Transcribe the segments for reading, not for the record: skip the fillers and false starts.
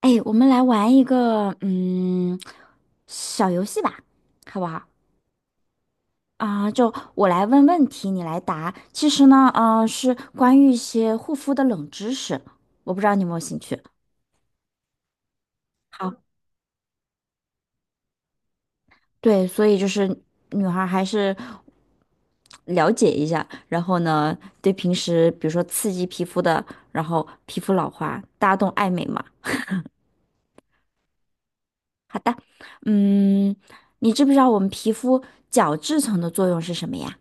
哎，我们来玩一个小游戏吧，好不好？就我来问问题，你来答。其实呢，是关于一些护肤的冷知识，我不知道你有没有兴趣。好，对，所以就是女孩儿还是了解一下，然后呢，对平时比如说刺激皮肤的，然后皮肤老化，大家都爱美嘛。嗯，你知不知道我们皮肤角质层的作用是什么呀？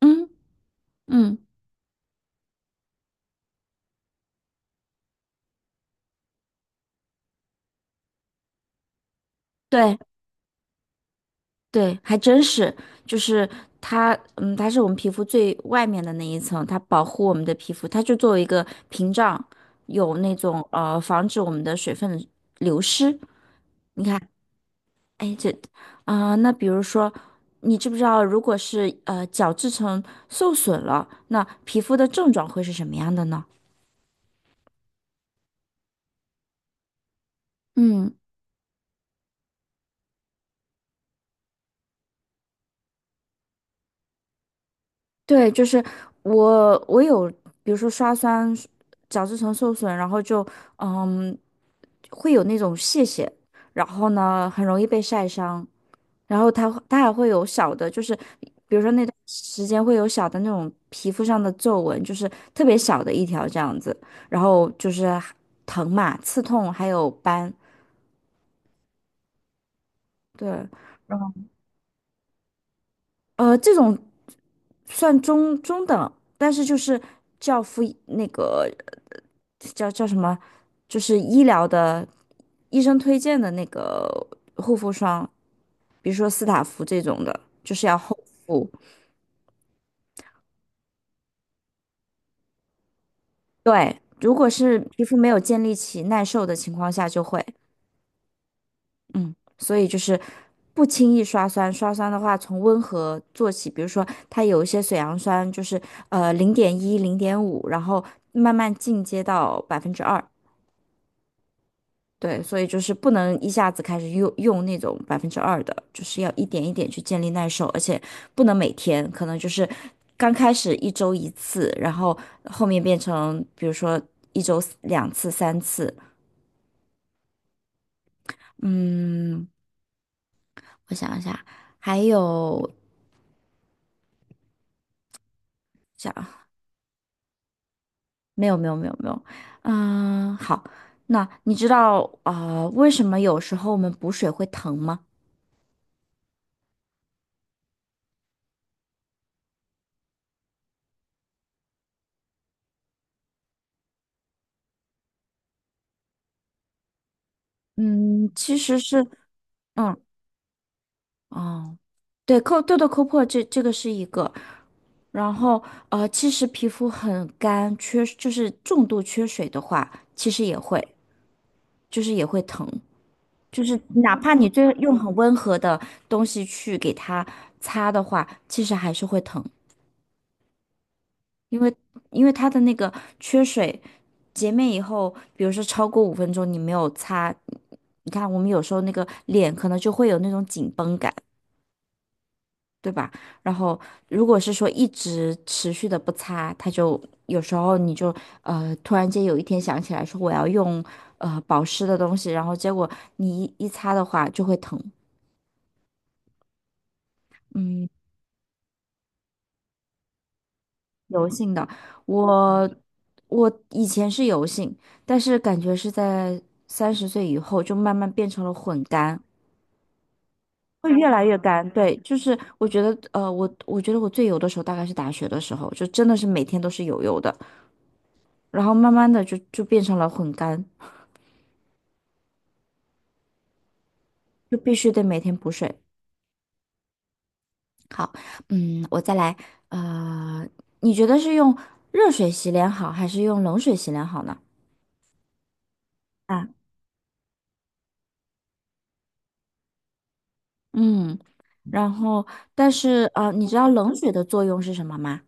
嗯嗯。对，对，还真是，就是它是我们皮肤最外面的那一层，它保护我们的皮肤，它就作为一个屏障，有那种防止我们的水分流失。你看，哎，这，那比如说，你知不知道，如果是角质层受损了，那皮肤的症状会是什么样的呢？嗯，对，就是我有，比如说刷酸角质层受损，然后就。嗯，会有那种屑屑，然后呢，很容易被晒伤，然后它还会有小的，就是比如说那段时间会有小的那种皮肤上的皱纹，就是特别小的一条这样子，然后就是疼嘛、刺痛，还有斑。对，这种算中等，但是就是教敷那个叫什么，就是医疗的医生推荐的那个护肤霜。比如说斯塔芙这种的，就是要厚敷。对，如果是皮肤没有建立起耐受的情况下，就会，嗯，所以就是不轻易刷酸。刷酸的话，从温和做起，比如说它有一些水杨酸，就是0.1、0.5，然后慢慢进阶到百分之二，对，所以就是不能一下子开始用那种百分之二的，就是要一点一点去建立耐受，而且不能每天，可能就是刚开始一周一次，然后后面变成比如说一周2次、3次。嗯，我想一下，还有想没有没有没有没有，好，那你知道啊，为什么有时候我们补水会疼吗？嗯，其实是。嗯。哦，对，抠，痘痘抠破这个是一个，然后其实皮肤很干，就是重度缺水的话，其实也会，就是也会疼，就是哪怕你最用很温和的东西去给它擦的话，其实还是会疼，因为因为它的那个缺水洁面以后，比如说超过5分钟你没有擦，你看我们有时候那个脸可能就会有那种紧绷感。对吧？然后如果是说一直持续的不擦，它就有时候你就突然间有一天想起来说我要用保湿的东西，然后结果你一擦的话就会疼，嗯，油性的。我我以前是油性，但是感觉是在30岁以后就慢慢变成了混干。会越来越干，对，就是我觉得，我觉得我最油的时候大概是大学的时候，就真的是每天都是油油的。然后慢慢的就变成了混干，就必须得每天补水。嗯，我再来，呃，你觉得是用热水洗脸好，还是用冷水洗脸好呢？啊，嗯，然后但是你知道冷水的作用是什么吗？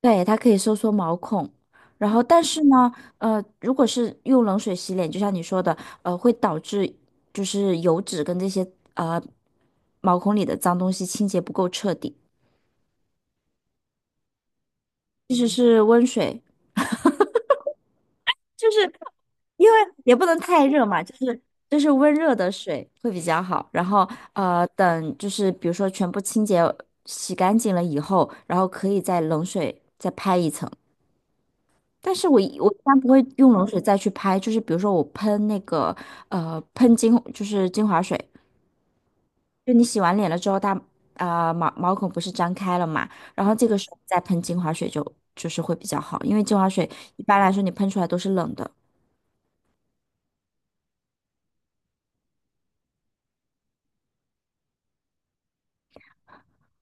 对，它可以收缩毛孔。然后，但是呢，如果是用冷水洗脸，就像你说的，会导致就是油脂跟这些毛孔里的脏东西清洁不够彻底。即使是温水，就是因为也不能太热嘛，就是温热的水会比较好。然后等就是比如说全部清洁洗干净了以后，然后可以在冷水再拍一层。但是我一般不会用冷水再去拍，就是比如说我喷那个呃喷精就是精华水，就你洗完脸了之后，它毛孔不是张开了嘛，然后这个时候再喷精华水就是会比较好，因为精华水一般来说你喷出来都是冷的。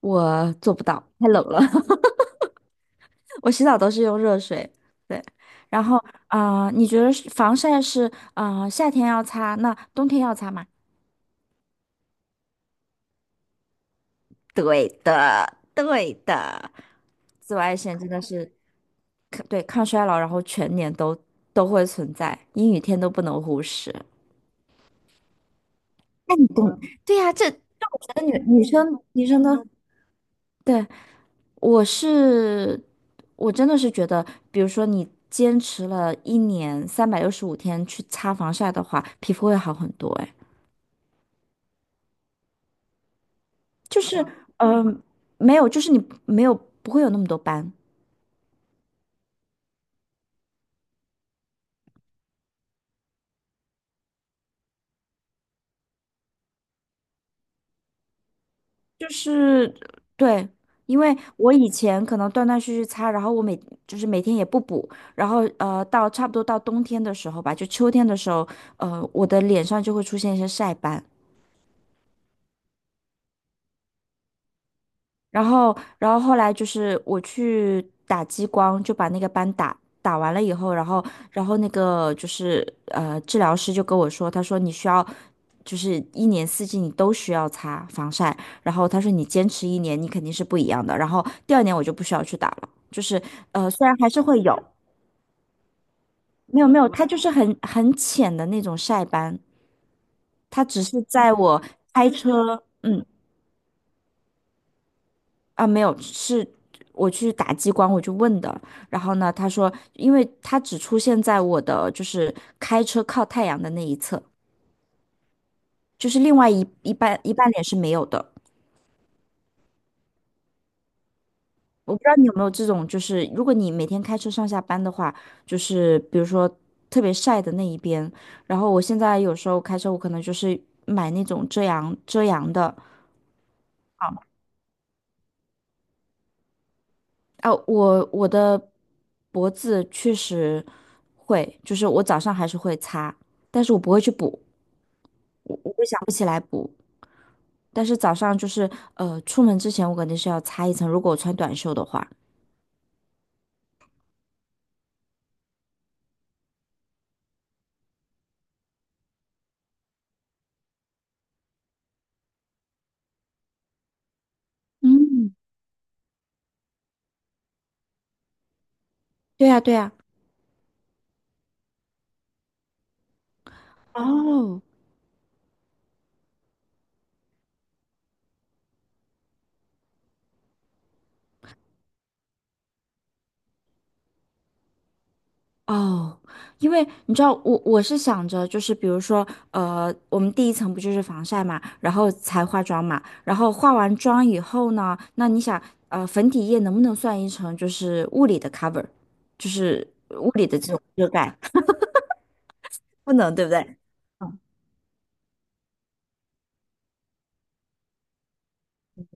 我做不到，太冷了。我洗澡都是用热水。对，然后你觉得是防晒是夏天要擦，那冬天要擦吗？对的，对的。紫外线真的是抗对抗衰老，然后全年都会存在，阴雨天都不能忽视。那你懂？对呀、这我觉得女生都对。我是，我真的是觉得，比如说你坚持了一年，365天去擦防晒的话，皮肤会好很多。哎，就是，嗯，没有，就是你没有不会有那么多斑。就是对，因为我以前可能断断续续擦，然后就是每天也不补，然后到差不多到冬天的时候吧，就秋天的时候，我的脸上就会出现一些晒斑。然后后来就是我去打激光，就把那个斑打完了以后，然后，然后那个就是治疗师就跟我说，他说你需要，就是一年四季你都需要擦防晒，然后他说你坚持一年，你肯定是不一样的。然后第二年我就不需要去打了，就是虽然还是会有，没有没有，它就是很浅的那种晒斑，它只是在我开车，嗯，啊，没有，是我去打激光，我就问的。然后呢，他说，因为它只出现在我的就是开车靠太阳的那一侧，就是另外一半脸是没有的。我不知道你有没有这种，就是如果你每天开车上下班的话，就是比如说特别晒的那一边。然后我现在有时候开车，我可能就是买那种遮阳的。啊，我的脖子确实会，就是我早上还是会擦，但是我不会去补起来。但是早上就是出门之前我肯定是要擦一层，如果我穿短袖的话。嗯，对呀，对呀。哦，哦，因为你知道，我是想着，就是比如说，我们第一层不就是防晒嘛，然后才化妆嘛，然后化完妆以后呢，那你想，粉底液能不能算一层就是物理的 cover，就是物理的这种遮盖？不能，对不对？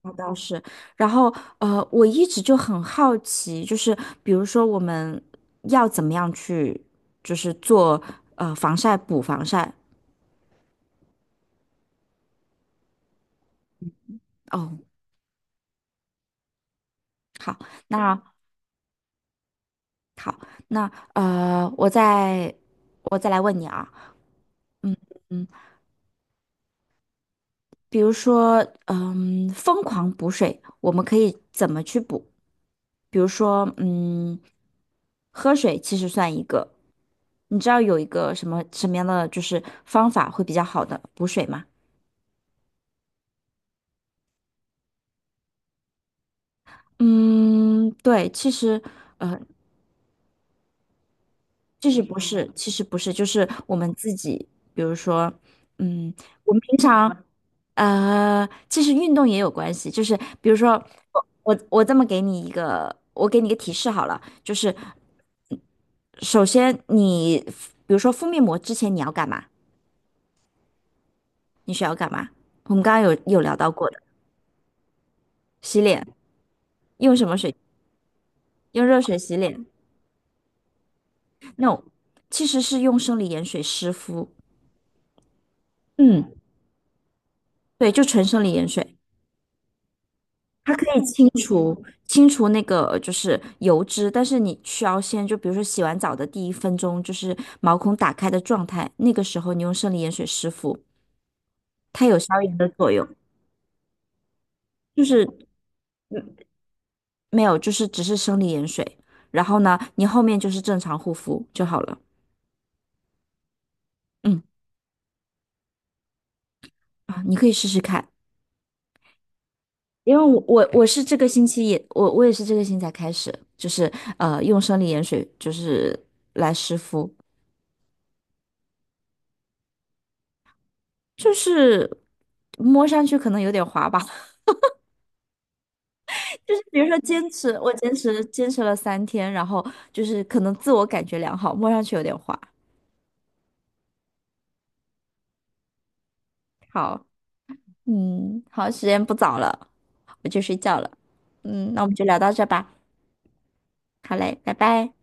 那倒是。然后，我一直就很好奇，就是比如说我们要怎么样去，就是做防晒补防晒。哦，好，那。好，那呃，我再我再来问你啊，嗯，比如说，疯狂补水，我们可以怎么去补？比如说，嗯，喝水其实算一个，你知道有一个什么什么样的就是方法会比较好的补水吗？嗯，对，其实不是，其实不是，就是我们自己，比如说，嗯，我们平常，其实运动也有关系，就是比如说，我这么给你一个，我给你一个提示好了，就是首先你，比如说敷面膜之前你要干嘛？你需要干嘛？我们刚刚有聊到过的，洗脸，用什么水？用热水洗脸？No，其实是用生理盐水湿敷。嗯，对，就纯生理盐水。它可以清除那个就是油脂，但是你需要先就比如说洗完澡的第一分钟，就是毛孔打开的状态，那个时候你用生理盐水湿敷，它有消炎的作用，就是嗯没有，就是只是生理盐水，然后呢，你后面就是正常护肤就好了。嗯啊，你可以试试看，因为我是这个星期也我也是这个星期才开始，就是用生理盐水就是来湿敷，就是摸上去可能有点滑吧。就是比如说坚持，我坚持了3天，然后就是可能自我感觉良好，摸上去有点滑。好，嗯，好，时间不早了，我去睡觉了。嗯，那我们就聊到这吧。好嘞，拜拜。